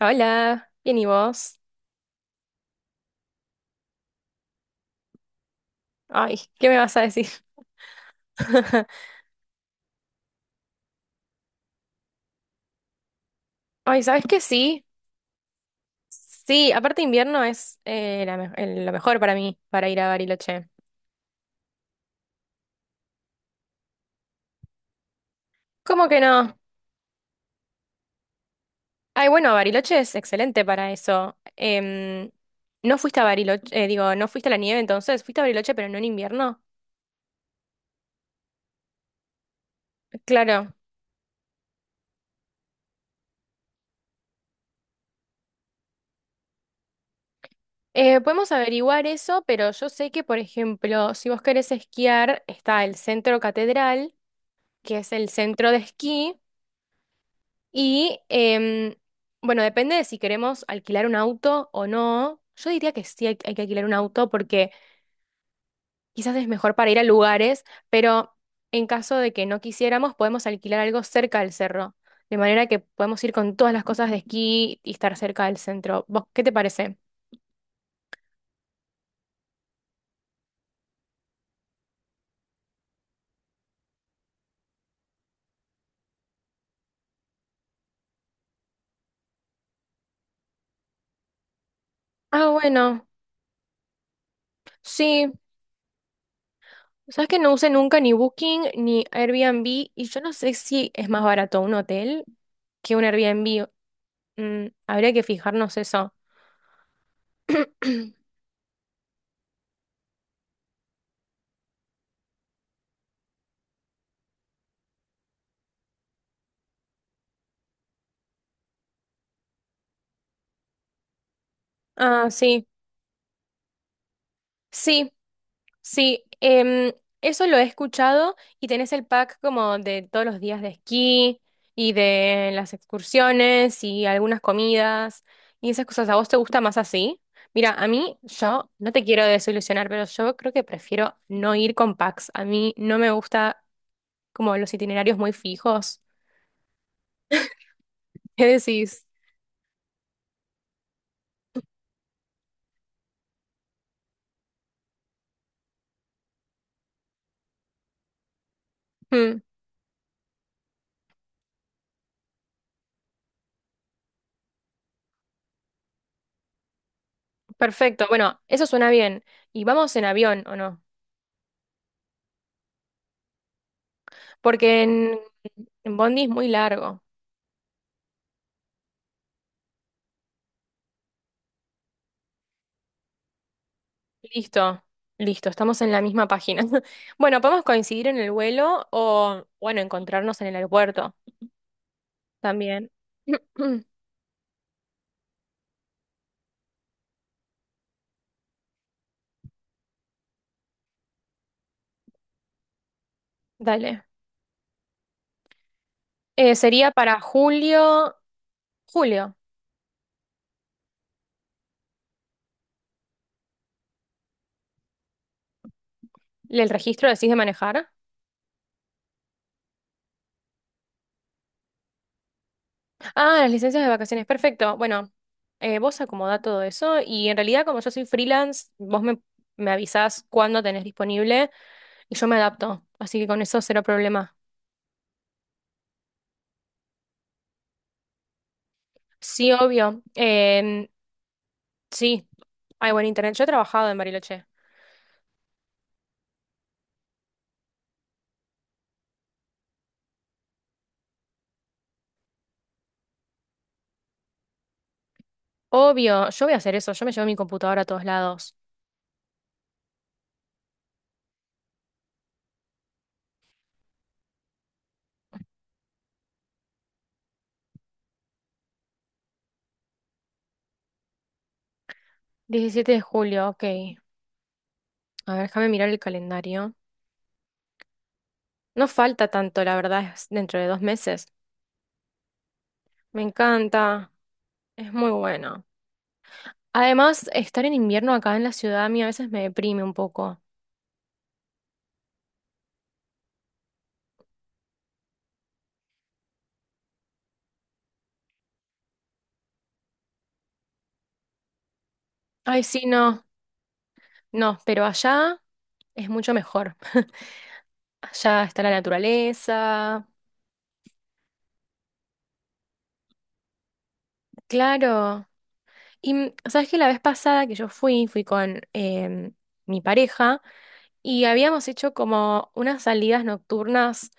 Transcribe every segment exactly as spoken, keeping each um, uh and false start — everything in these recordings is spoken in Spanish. Hola, bien y vos. Ay, ¿qué me vas a decir? Ay, ¿sabes qué? Sí, sí, aparte invierno es eh, la me- el- lo mejor para mí, para ir a Bariloche. ¿Cómo que no? Ay, bueno, Bariloche es excelente para eso. Em, ¿no fuiste a Bariloche? eh, digo, ¿no fuiste a la nieve entonces? ¿Fuiste a Bariloche pero no en invierno? Claro. Eh, podemos averiguar eso, pero yo sé que, por ejemplo, si vos querés esquiar, está el Centro Catedral, que es el centro de esquí. Y em, bueno, depende de si queremos alquilar un auto o no. Yo diría que sí hay, hay que alquilar un auto porque quizás es mejor para ir a lugares, pero en caso de que no quisiéramos, podemos alquilar algo cerca del cerro, de manera que podemos ir con todas las cosas de esquí y estar cerca del centro. ¿Vos qué te parece? Ah, bueno, sí, sabes que no usé nunca ni Booking ni Airbnb y yo no sé si es más barato un hotel que un Airbnb. Mm, habría que fijarnos eso. Ah, sí, sí, sí. Em, eso lo he escuchado y tenés el pack como de todos los días de esquí y de las excursiones y algunas comidas y esas cosas. ¿A vos te gusta más así? Mira, a mí yo no te quiero desilusionar, pero yo creo que prefiero no ir con packs. A mí no me gusta como los itinerarios muy fijos. ¿Qué decís? Mm, perfecto, bueno, eso suena bien. ¿Y vamos en avión o no? Porque en, en Bondi es muy largo. Listo, listo, estamos en la misma página. Bueno, podemos coincidir en el vuelo o, bueno, encontrarnos en el aeropuerto también. Dale. Eh, sería para julio, julio. ¿El registro decís de manejar? Ah, las licencias de vacaciones, perfecto. Bueno, eh, vos acomodá todo eso y en realidad como yo soy freelance, vos me, me avisás cuándo tenés disponible y yo me adapto, así que con eso cero problema. Sí, obvio. Em, sí, hay buen internet. Yo he trabajado en Bariloche. Obvio, yo voy a hacer eso, yo me llevo mi computadora a todos lados. Diecisiete de julio, ok. A ver, déjame mirar el calendario. No falta tanto, la verdad, es dentro de dos meses. Me encanta, es muy bueno. Además, estar en invierno acá en la ciudad a mí a veces me deprime un poco. Ay, sí, no, no, pero allá es mucho mejor. Allá está la naturaleza, claro. Y mm, sabes que la vez pasada que yo fui, fui con em, mi pareja y habíamos hecho como unas salidas nocturnas,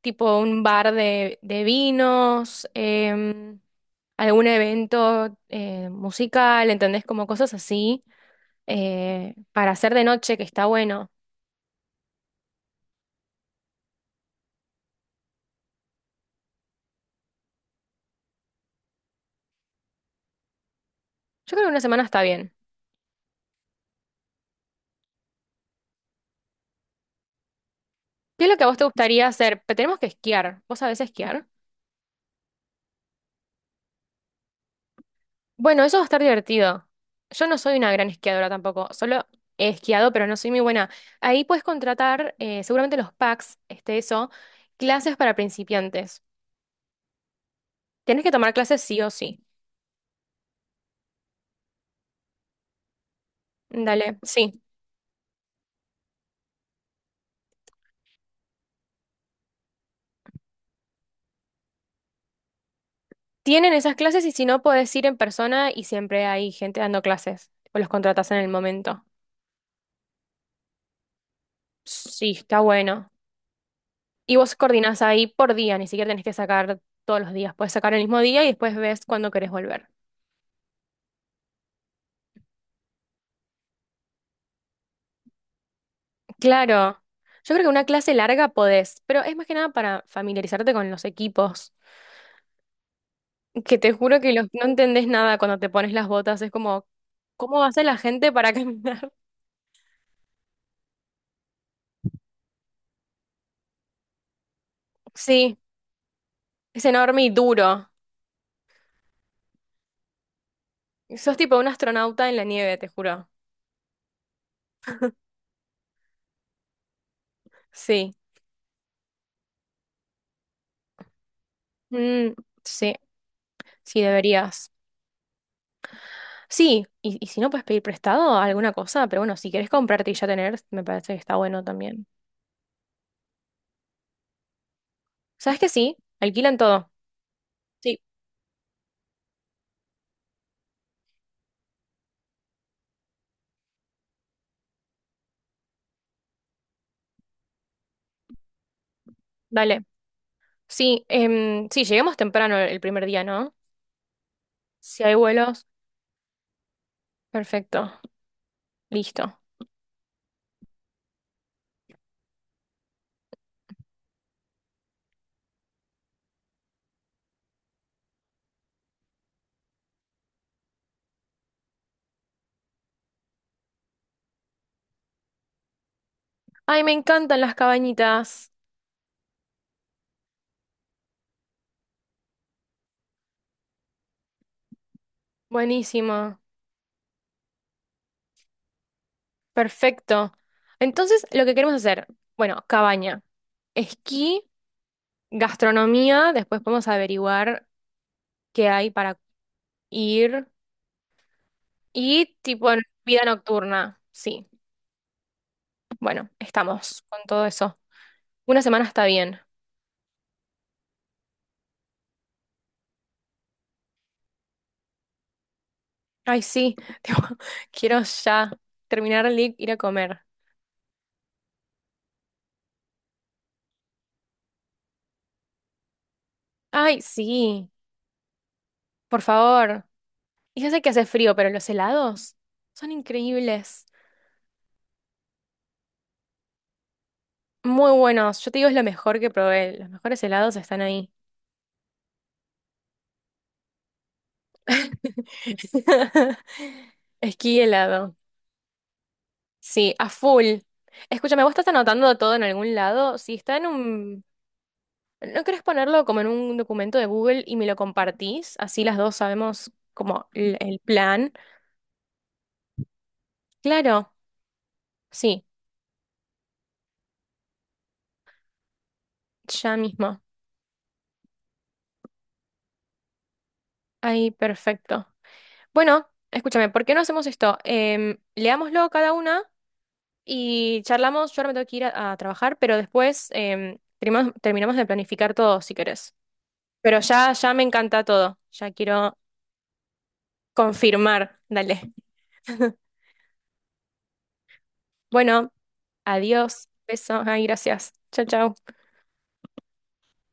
tipo un bar de, de vinos, em, algún evento eh, musical, ¿entendés? Como cosas así eh, para hacer de noche, que está bueno. Yo creo que una semana está bien. ¿Qué es lo que a vos te gustaría hacer? Pe- Tenemos que esquiar. ¿Vos sabés esquiar? Bueno, eso va a estar divertido. Yo no soy una gran esquiadora tampoco. Solo he esquiado, pero no soy muy buena. Ahí puedes contratar, eh, seguramente los packs, este, eso, clases para principiantes. Tienes que tomar clases sí o sí. Dale, sí. Tienen esas clases y si no, puedes ir en persona y siempre hay gente dando clases. O los contratas en el momento. Sí, está bueno. Y vos coordinás ahí por día, ni siquiera tenés que sacar todos los días. Puedes sacar el mismo día y después ves cuándo querés volver. Claro, yo creo que una clase larga podés, pero es más que nada para familiarizarte con los equipos, que te juro que los- no entendés nada cuando te pones las botas. Es como, ¿cómo va a ser la gente para caminar? Sí, es enorme y duro. Sos tipo un astronauta en la nieve, te juro. Sí, mm, sí, sí deberías. Sí, y, y si no puedes pedir prestado alguna cosa, pero bueno, si querés comprarte y ya tener, me parece que está bueno también. ¿Sabes que sí? Alquilan todo. Sí, dale. Sí, em, sí, lleguemos temprano el el primer día, ¿no? Si hay vuelos, perfecto, listo. Ay, me encantan las cabañitas. Buenísimo. Perfecto. Entonces, lo que queremos hacer, bueno, cabaña, esquí. Gastronomía, después podemos averiguar qué hay para ir. Y tipo en vida nocturna, sí. Bueno, estamos con todo eso. Una semana está bien. Ay, sí, tipo, quiero ya terminar el lic, ir a comer. Ay, sí, por favor. Y ya sé que hace frío, pero los helados son increíbles. Muy buenos. Yo te digo, es lo mejor que probé. Los mejores helados están ahí. Esquí helado. Sí, a full. Escúchame, ¿vos estás anotando todo en algún lado? Si está en un... ¿No querés ponerlo como en un documento de Google y me lo compartís? Así las dos sabemos como el, el plan. Claro, sí, ya mismo. Ahí, perfecto. Bueno, escúchame, ¿por qué no hacemos esto? Em, leámoslo cada una y charlamos. Yo ahora me tengo que ir a, a trabajar, pero después em, terminamos, terminamos de planificar todo, si querés. Pero ya, ya me encanta todo. Ya quiero confirmar. Dale. Bueno, adiós, besos, ay, gracias. Chao, chao.